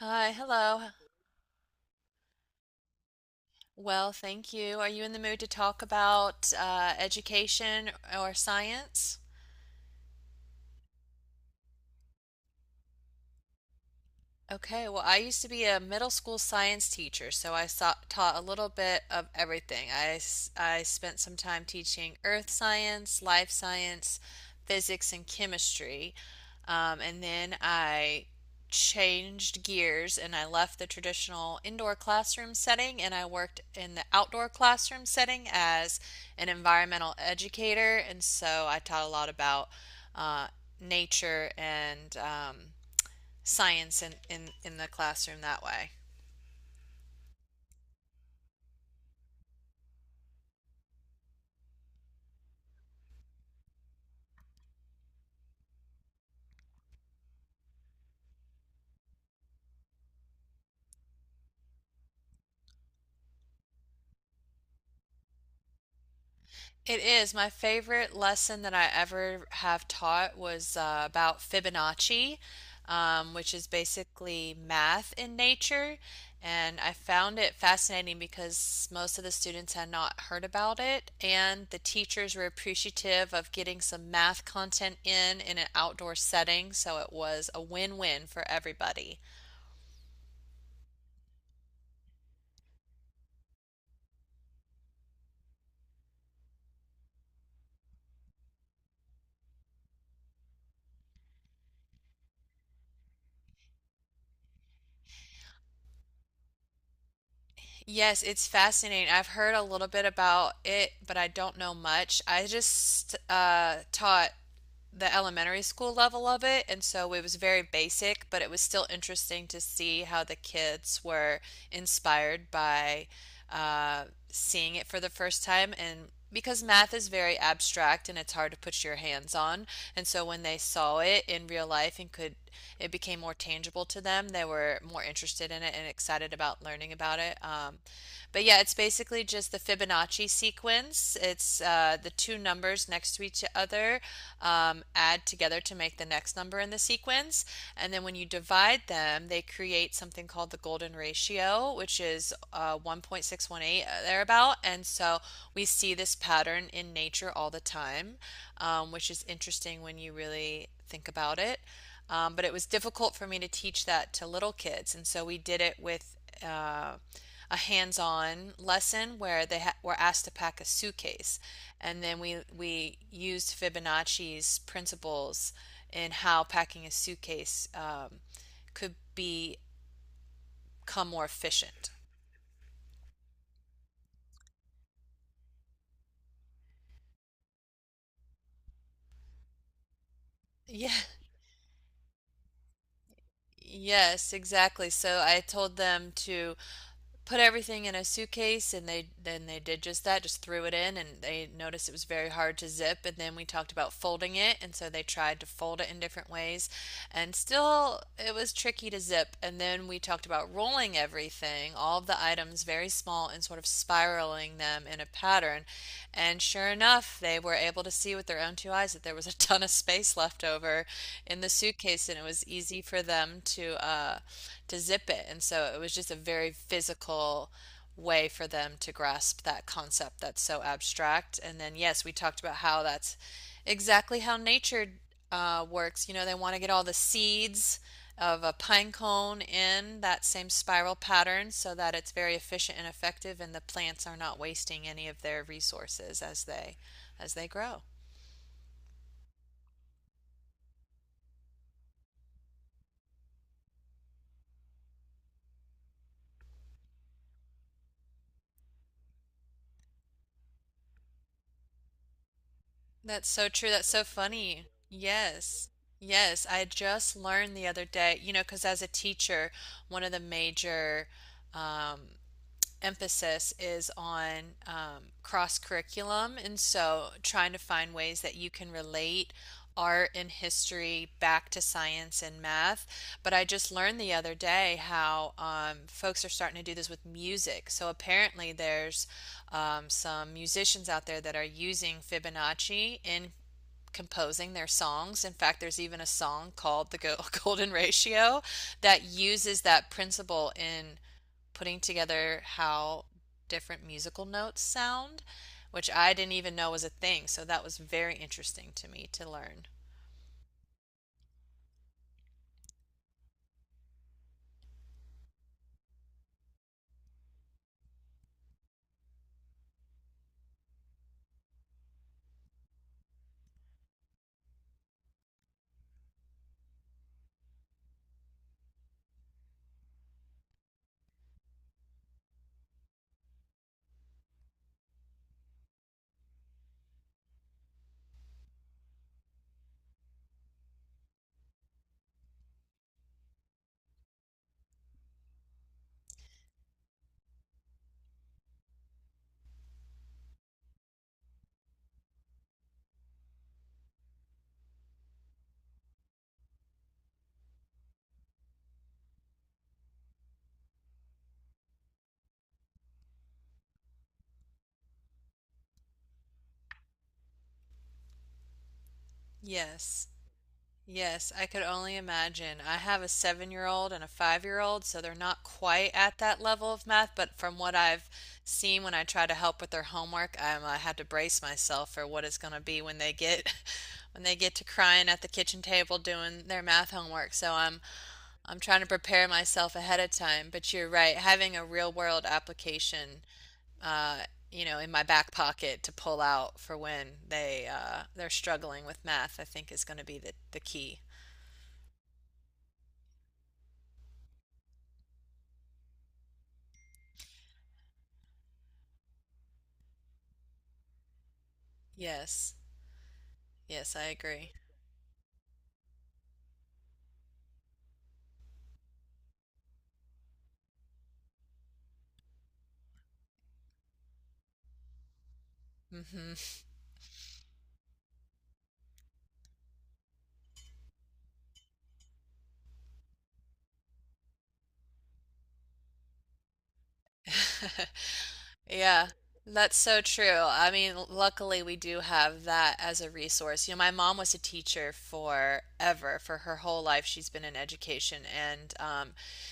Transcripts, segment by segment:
Hi, hello. Well, thank you. Are you in the mood to talk about education or science? Okay, well, I used to be a middle school science teacher, so I saw, taught a little bit of everything. I spent some time teaching earth science, life science, physics, and chemistry. And then I changed gears and I left the traditional indoor classroom setting and I worked in the outdoor classroom setting as an environmental educator. And so I taught a lot about uh, nature and science in the classroom that way. It is. My favorite lesson that I ever have taught was about Fibonacci, which is basically math in nature. And I found it fascinating because most of the students had not heard about it, and the teachers were appreciative of getting some math content in an outdoor setting, so it was a win-win for everybody. Yes, it's fascinating. I've heard a little bit about it, but I don't know much. I just taught the elementary school level of it, and so it was very basic, but it was still interesting to see how the kids were inspired by uh, seeing it for the first time. And because math is very abstract and it's hard to put your hands on, and so when they saw it in real life and could it became more tangible to them. They were more interested in it and excited about learning about it. But yeah, it's basically just the Fibonacci sequence. It's the two numbers next to each other add together to make the next number in the sequence. And then when you divide them, they create something called the golden ratio, which is 1.618 thereabout. And so we see this pattern in nature all the time, which is interesting when you really think about it. But it was difficult for me to teach that to little kids, and so we did it with uh, a hands-on lesson where were asked to pack a suitcase, and then we used Fibonacci's principles in how packing a suitcase could be become more efficient. Yeah. Yes, exactly. So I told them to put everything in a suitcase and they then they did just that, just threw it in and they noticed it was very hard to zip, and then we talked about folding it, and so they tried to fold it in different ways, and still it was tricky to zip, and then we talked about rolling everything, all of the items, very small and sort of spiraling them in a pattern, and sure enough they were able to see with their own two eyes that there was a ton of space left over in the suitcase, and it was easy for them to zip it. And so it was just a very physical way for them to grasp that concept that's so abstract. And then, yes, we talked about how that's exactly how nature works. You know, they want to get all the seeds of a pine cone in that same spiral pattern so that it's very efficient and effective and the plants are not wasting any of their resources as they grow. That's so true. That's so funny. Yes. Yes. I just learned the other day, you know, because as a teacher, one of the major um, emphasis is on cross curriculum. And so trying to find ways that you can relate art and history back to science and math. But I just learned the other day how folks are starting to do this with music. So apparently, there's some musicians out there that are using Fibonacci in composing their songs. In fact, there's even a song called The Golden Ratio that uses that principle in putting together how different musical notes sound, which I didn't even know was a thing. So that was very interesting to me to learn. Yes. Yes, I could only imagine. I have a 7-year old and a 5-year old, so they're not quite at that level of math. But from what I've seen when I try to help with their homework, I had to brace myself for what it's going to be when they get when they get to crying at the kitchen table doing their math homework. So I'm trying to prepare myself ahead of time, but you're right. Having a real world application, uh, you know, in my back pocket to pull out for when they're struggling with math, I think is going to be the key. Yes, yes, I agree. Hmm. Yeah, that's so true. I mean, luckily we do have that as a resource. You know, my mom was a teacher forever. For her whole life, she's been in education. And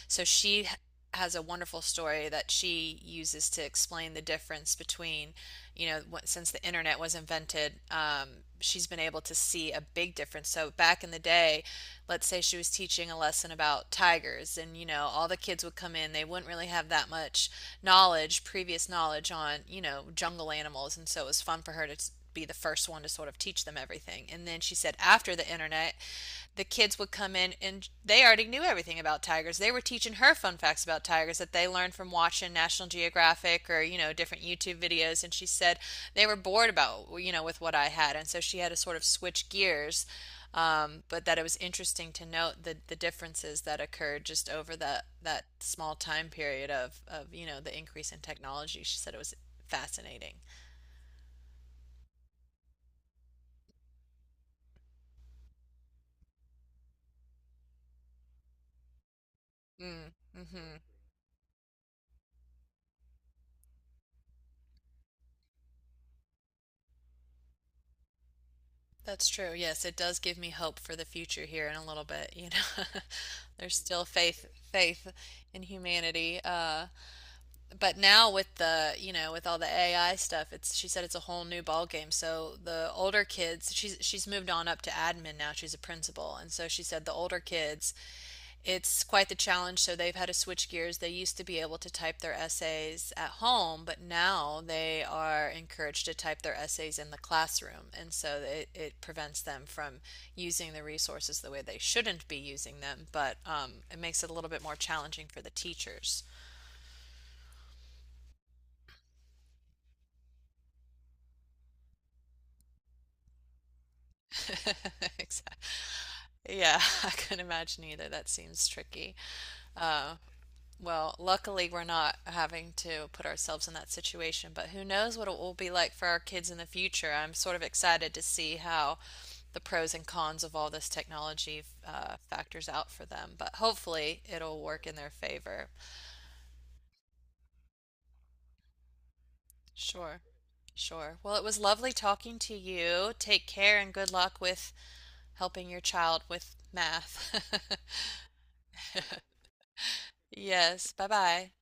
so she h- has a wonderful story that she uses to explain the difference between, you know, since the internet was invented, she's been able to see a big difference. So back in the day, let's say she was teaching a lesson about tigers, and you know, all the kids would come in, they wouldn't really have that much knowledge, previous knowledge on, you know, jungle animals, and so it was fun for her to be the first one to sort of teach them everything. And then she said after the internet, the kids would come in and they already knew everything about tigers. They were teaching her fun facts about tigers that they learned from watching National Geographic or, you know, different YouTube videos. And she said they were bored about, you know, with what I had. And so she had to sort of switch gears. But that it was interesting to note the differences that occurred just over that small time period of, you know, the increase in technology. She said it was fascinating. Mm, mm-hmm. That's true. Yes, it does give me hope for the future here in a little bit, you know. There's still faith in humanity. Uh, but now with the you know with all the AI stuff, it's she said it's a whole new ball game. So the older kids, she's moved on up to admin now. She's a principal, and so she said the older kids, it's quite the challenge. So they've had to switch gears. They used to be able to type their essays at home, but now they are encouraged to type their essays in the classroom, and so it prevents them from using the resources the way they shouldn't be using them. But it makes it a little bit more challenging for the teachers. Exactly. Yeah, I can not imagine either. That seems tricky. Uh, well, luckily, we're not having to put ourselves in that situation, but who knows what it will be like for our kids in the future. I'm sort of excited to see how the pros and cons of all this technology factors out for them, but hopefully it'll work in their favor. Sure, sure. Well, it was lovely talking to you. Take care and good luck with helping your child with math. Yes, bye bye.